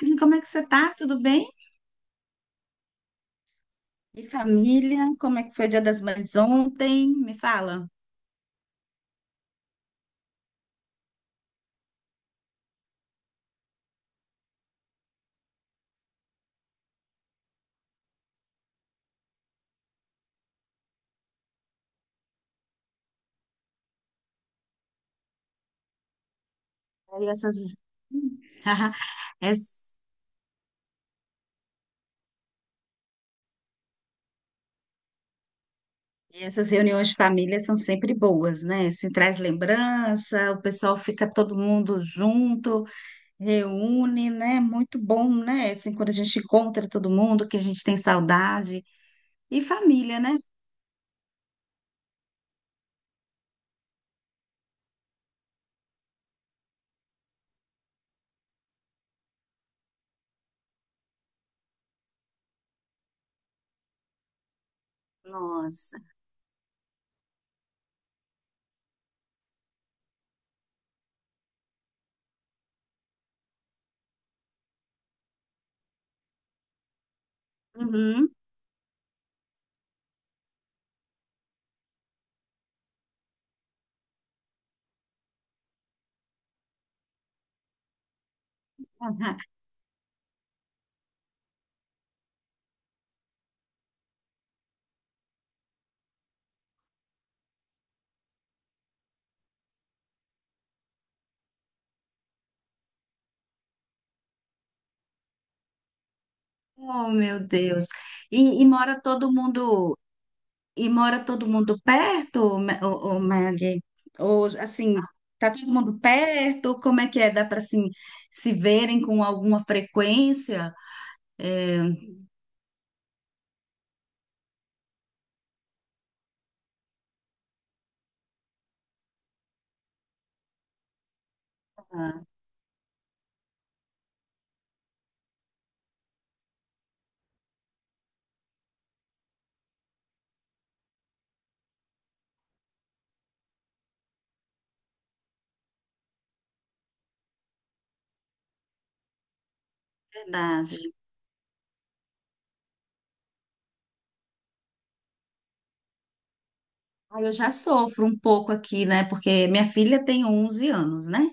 Agnes, como é que você tá? Tudo bem? E família? Como é que foi o Dia das Mães ontem? Me fala. E essas, ess- essas reuniões de família são sempre boas, né? Se traz lembrança, o pessoal fica todo mundo junto, reúne, né? Muito bom, né? Assim, quando a gente encontra todo mundo, que a gente tem saudade. E família, né? Nossa. Uhum. Oh, meu Deus. E, e mora todo mundo. E mora todo mundo perto, ou, Maggie? Ou, assim, tá todo mundo perto? Como é que é? Dá para, assim, se verem com alguma frequência? É, ah, verdade. Ah, eu já sofro um pouco aqui, né? Porque minha filha tem 11 anos, né?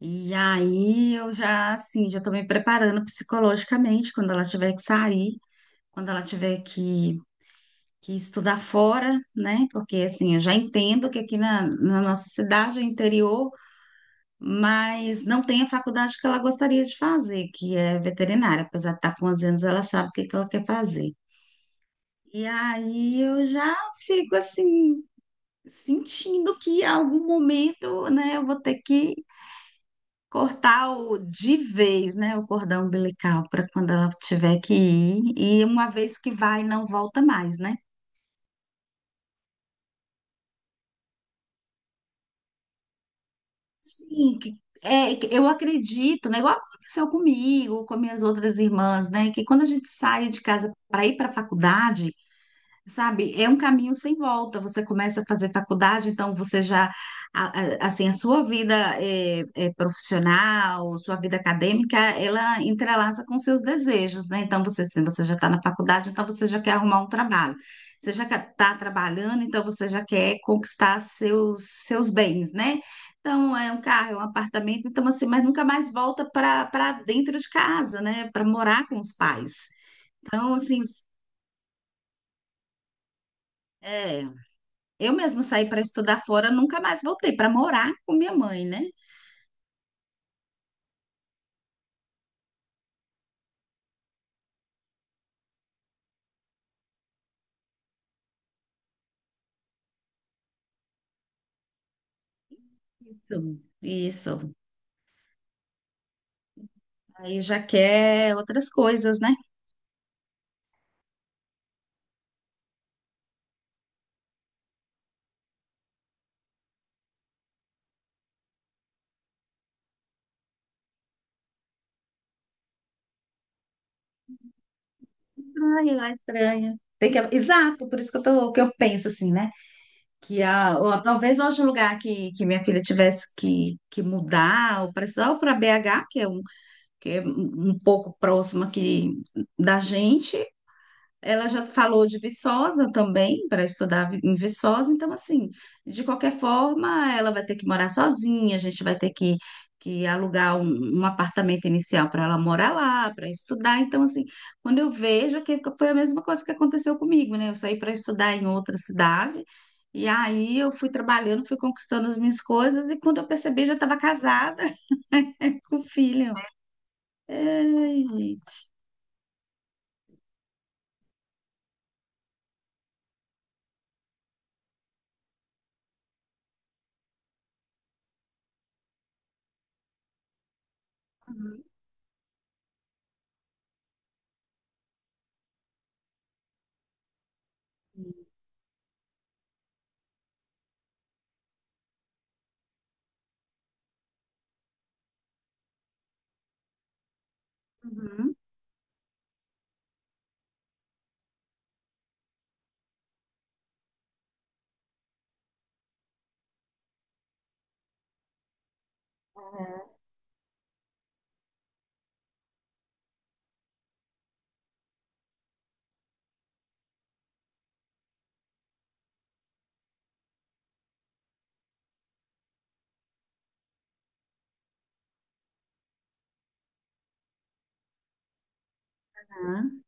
E aí eu já, assim, já tô me preparando psicologicamente quando ela tiver que sair, quando ela tiver que estudar fora, né? Porque, assim, eu já entendo que aqui na nossa cidade, é interior, mas não tem a faculdade que ela gostaria de fazer, que é veterinária. Apesar de estar com 11 anos, ela sabe o que que ela quer fazer. E aí eu já fico assim, sentindo que em algum momento, né, eu vou ter que cortar o, de vez, né, o cordão umbilical para quando ela tiver que ir. E uma vez que vai, não volta mais, né? Sim, é, que eu acredito, né? Igual aconteceu comigo, com minhas outras irmãs, né? Que quando a gente sai de casa para ir para a faculdade, sabe, é um caminho sem volta. Você começa a fazer faculdade, então você já, assim, a sua vida é profissional, sua vida acadêmica, ela entrelaça com seus desejos, né? Então você, se você já está na faculdade, então você já quer arrumar um trabalho. Você já está trabalhando, então você já quer conquistar seus, seus bens, né? Então é um carro, é um apartamento, então assim, mas nunca mais volta para dentro de casa, né? Para morar com os pais. Então, assim, é. Eu mesmo saí para estudar fora, nunca mais voltei para morar com minha mãe, né? Isso, isso. Aí já quer outras coisas, né? Ai, lá estranha. Tem que... Exato, por isso que eu tô, que eu penso assim, né? Que a, ou talvez hoje o lugar que minha filha tivesse que mudar, ou para estudar, ou para BH, que é um, que é um pouco próximo aqui da gente. Ela já falou de Viçosa também, para estudar em Viçosa, então, assim, de qualquer forma, ela vai ter que morar sozinha, a gente vai ter que alugar um, um apartamento inicial para ela morar lá, para estudar. Então, assim, quando eu vejo, é que foi a mesma coisa que aconteceu comigo, né? Eu saí para estudar em outra cidade, e aí eu fui trabalhando, fui conquistando as minhas coisas, e quando eu percebi, já estava casada com filho. Ai, gente. Uhum, tá.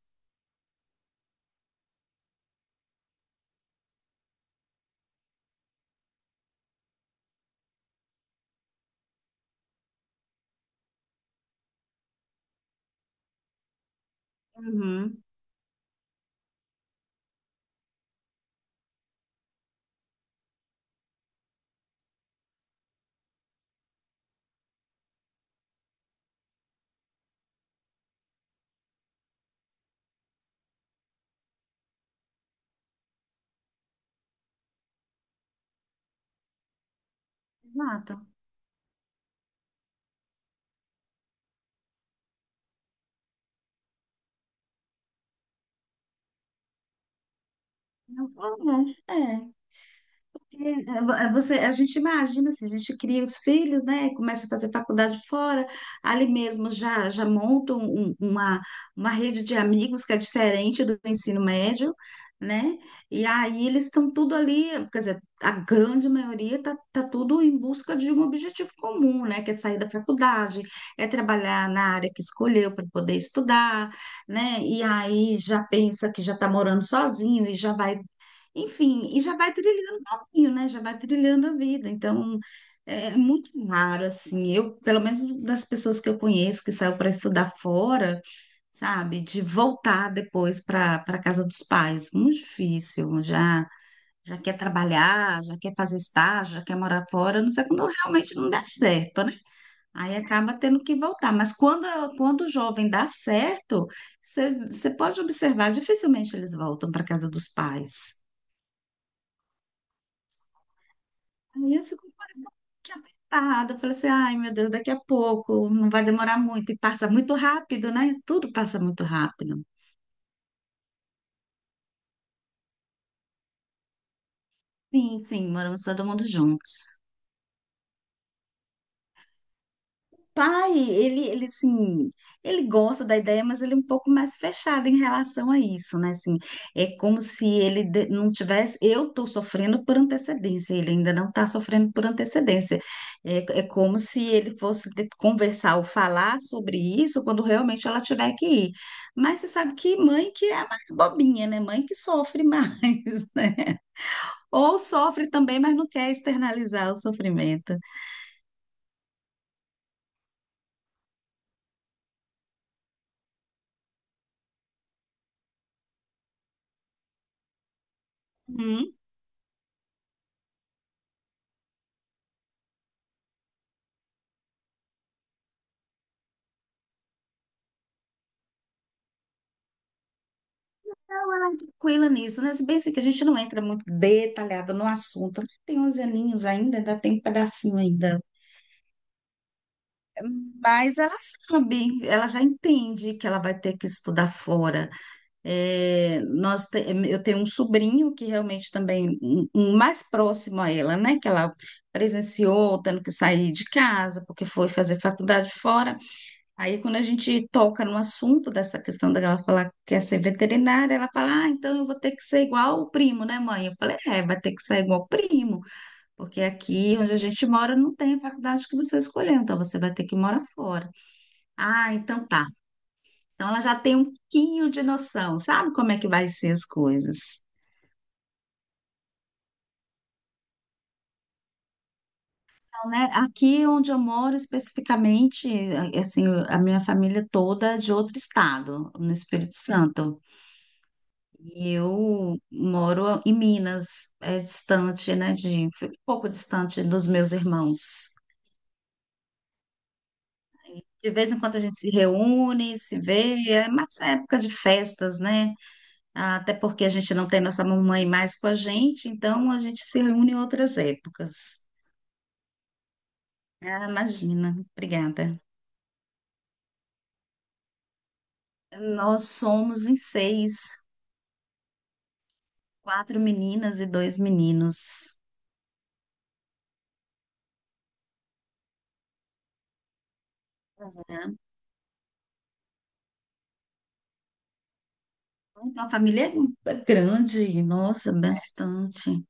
Uhum. Exato. Não, é, é. É, é, você, a gente imagina assim, a gente cria os filhos, né? Começa a fazer faculdade fora, ali mesmo já montam uma rede de amigos que é diferente do ensino médio, né? E aí eles estão tudo ali, quer dizer, a grande maioria tá, tá tudo em busca de um objetivo comum, né? Que é sair da faculdade, é trabalhar na área que escolheu para poder estudar, né? E aí já pensa que já está morando sozinho e já vai enfim, e já vai trilhando caminho, né? Já vai trilhando a vida. Então, é muito raro, assim. Eu, pelo menos das pessoas que eu conheço que saiu para estudar fora, sabe? De voltar depois para casa dos pais. Muito difícil. Já, já quer trabalhar, já quer fazer estágio, já quer morar fora. A Não sei quando realmente não dá certo, né? Aí acaba tendo que voltar. Mas quando, quando o jovem dá certo, você pode observar, dificilmente eles voltam para casa dos pais. Aí eu fico parecendo que apertada. Eu falei assim, ai meu Deus, daqui a pouco, não vai demorar muito. E passa muito rápido, né? Tudo passa muito rápido. Sim, sim, moramos todo mundo juntos. Pai, ele, assim, ele gosta da ideia, mas ele é um pouco mais fechado em relação a isso, né? Assim, é como se ele não tivesse. Eu estou sofrendo por antecedência, ele ainda não está sofrendo por antecedência. É, é como se ele fosse conversar ou falar sobre isso quando realmente ela tiver que ir. Mas você sabe que mãe que é a mais bobinha, né? Mãe que sofre mais, né? Ou sofre também, mas não quer externalizar o sofrimento. Tranquila nisso, né? Se bem assim que a gente não entra muito detalhado no assunto, tem 11 aninhos ainda, ainda tem um pedacinho ainda. Mas ela sabe, ela já entende que ela vai ter que estudar fora. É, eu tenho um sobrinho que realmente também, um mais próximo a ela, né? Que ela presenciou tendo que sair de casa porque foi fazer faculdade fora. Aí, quando a gente toca no assunto dessa questão dela falar que quer ser veterinária, ela fala: ah, então eu vou ter que ser igual o primo, né, mãe? Eu falei: é, vai ter que ser igual o primo, porque aqui onde a gente mora não tem a faculdade que você escolheu, então você vai ter que morar fora. Ah, então tá. Então ela já tem um pouquinho de noção, sabe como é que vai ser as coisas. Então, né, aqui onde eu moro especificamente, assim, a minha família toda é de outro estado, no Espírito Santo. E eu moro em Minas, é distante, né, de, fico um pouco distante dos meus irmãos. De vez em quando a gente se reúne, se vê, é mais época de festas, né? Até porque a gente não tem nossa mamãe mais com a gente, então a gente se reúne em outras épocas. Ah, imagina, obrigada. Nós somos em seis, quatro meninas e dois meninos. Né? Então a família é grande, nossa, bastante.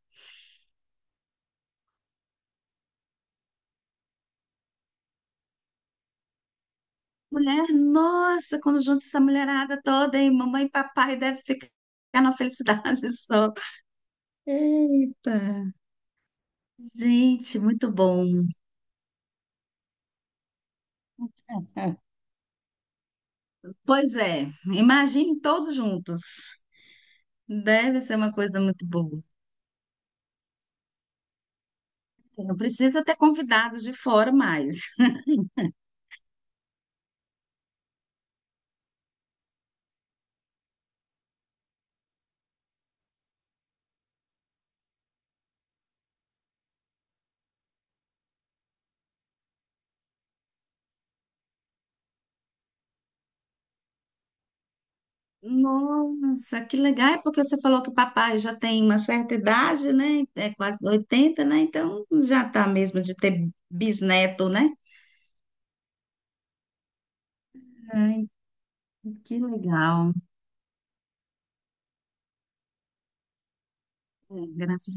Mulher, nossa, quando junta essa mulherada toda, hein? Mamãe e papai deve ficar na felicidade só. Eita, gente, muito bom. É. Pois é, imagine todos juntos. Deve ser uma coisa muito boa. Não precisa ter convidados de fora mais. Nossa, que legal, é porque você falou que papai já tem uma certa idade, né? É quase 80, né? Então já tá mesmo de ter bisneto, né? Ai, que legal. É, graças.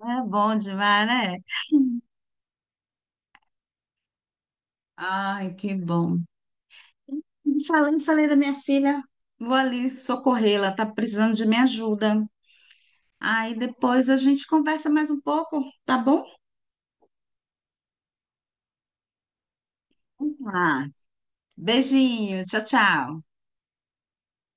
É bom demais, né? Ai, que bom. Falei, falei da minha filha, vou ali socorrê-la, tá precisando de minha ajuda. Aí depois a gente conversa mais um pouco, tá bom? Vamos lá. Beijinho, tchau, tchau.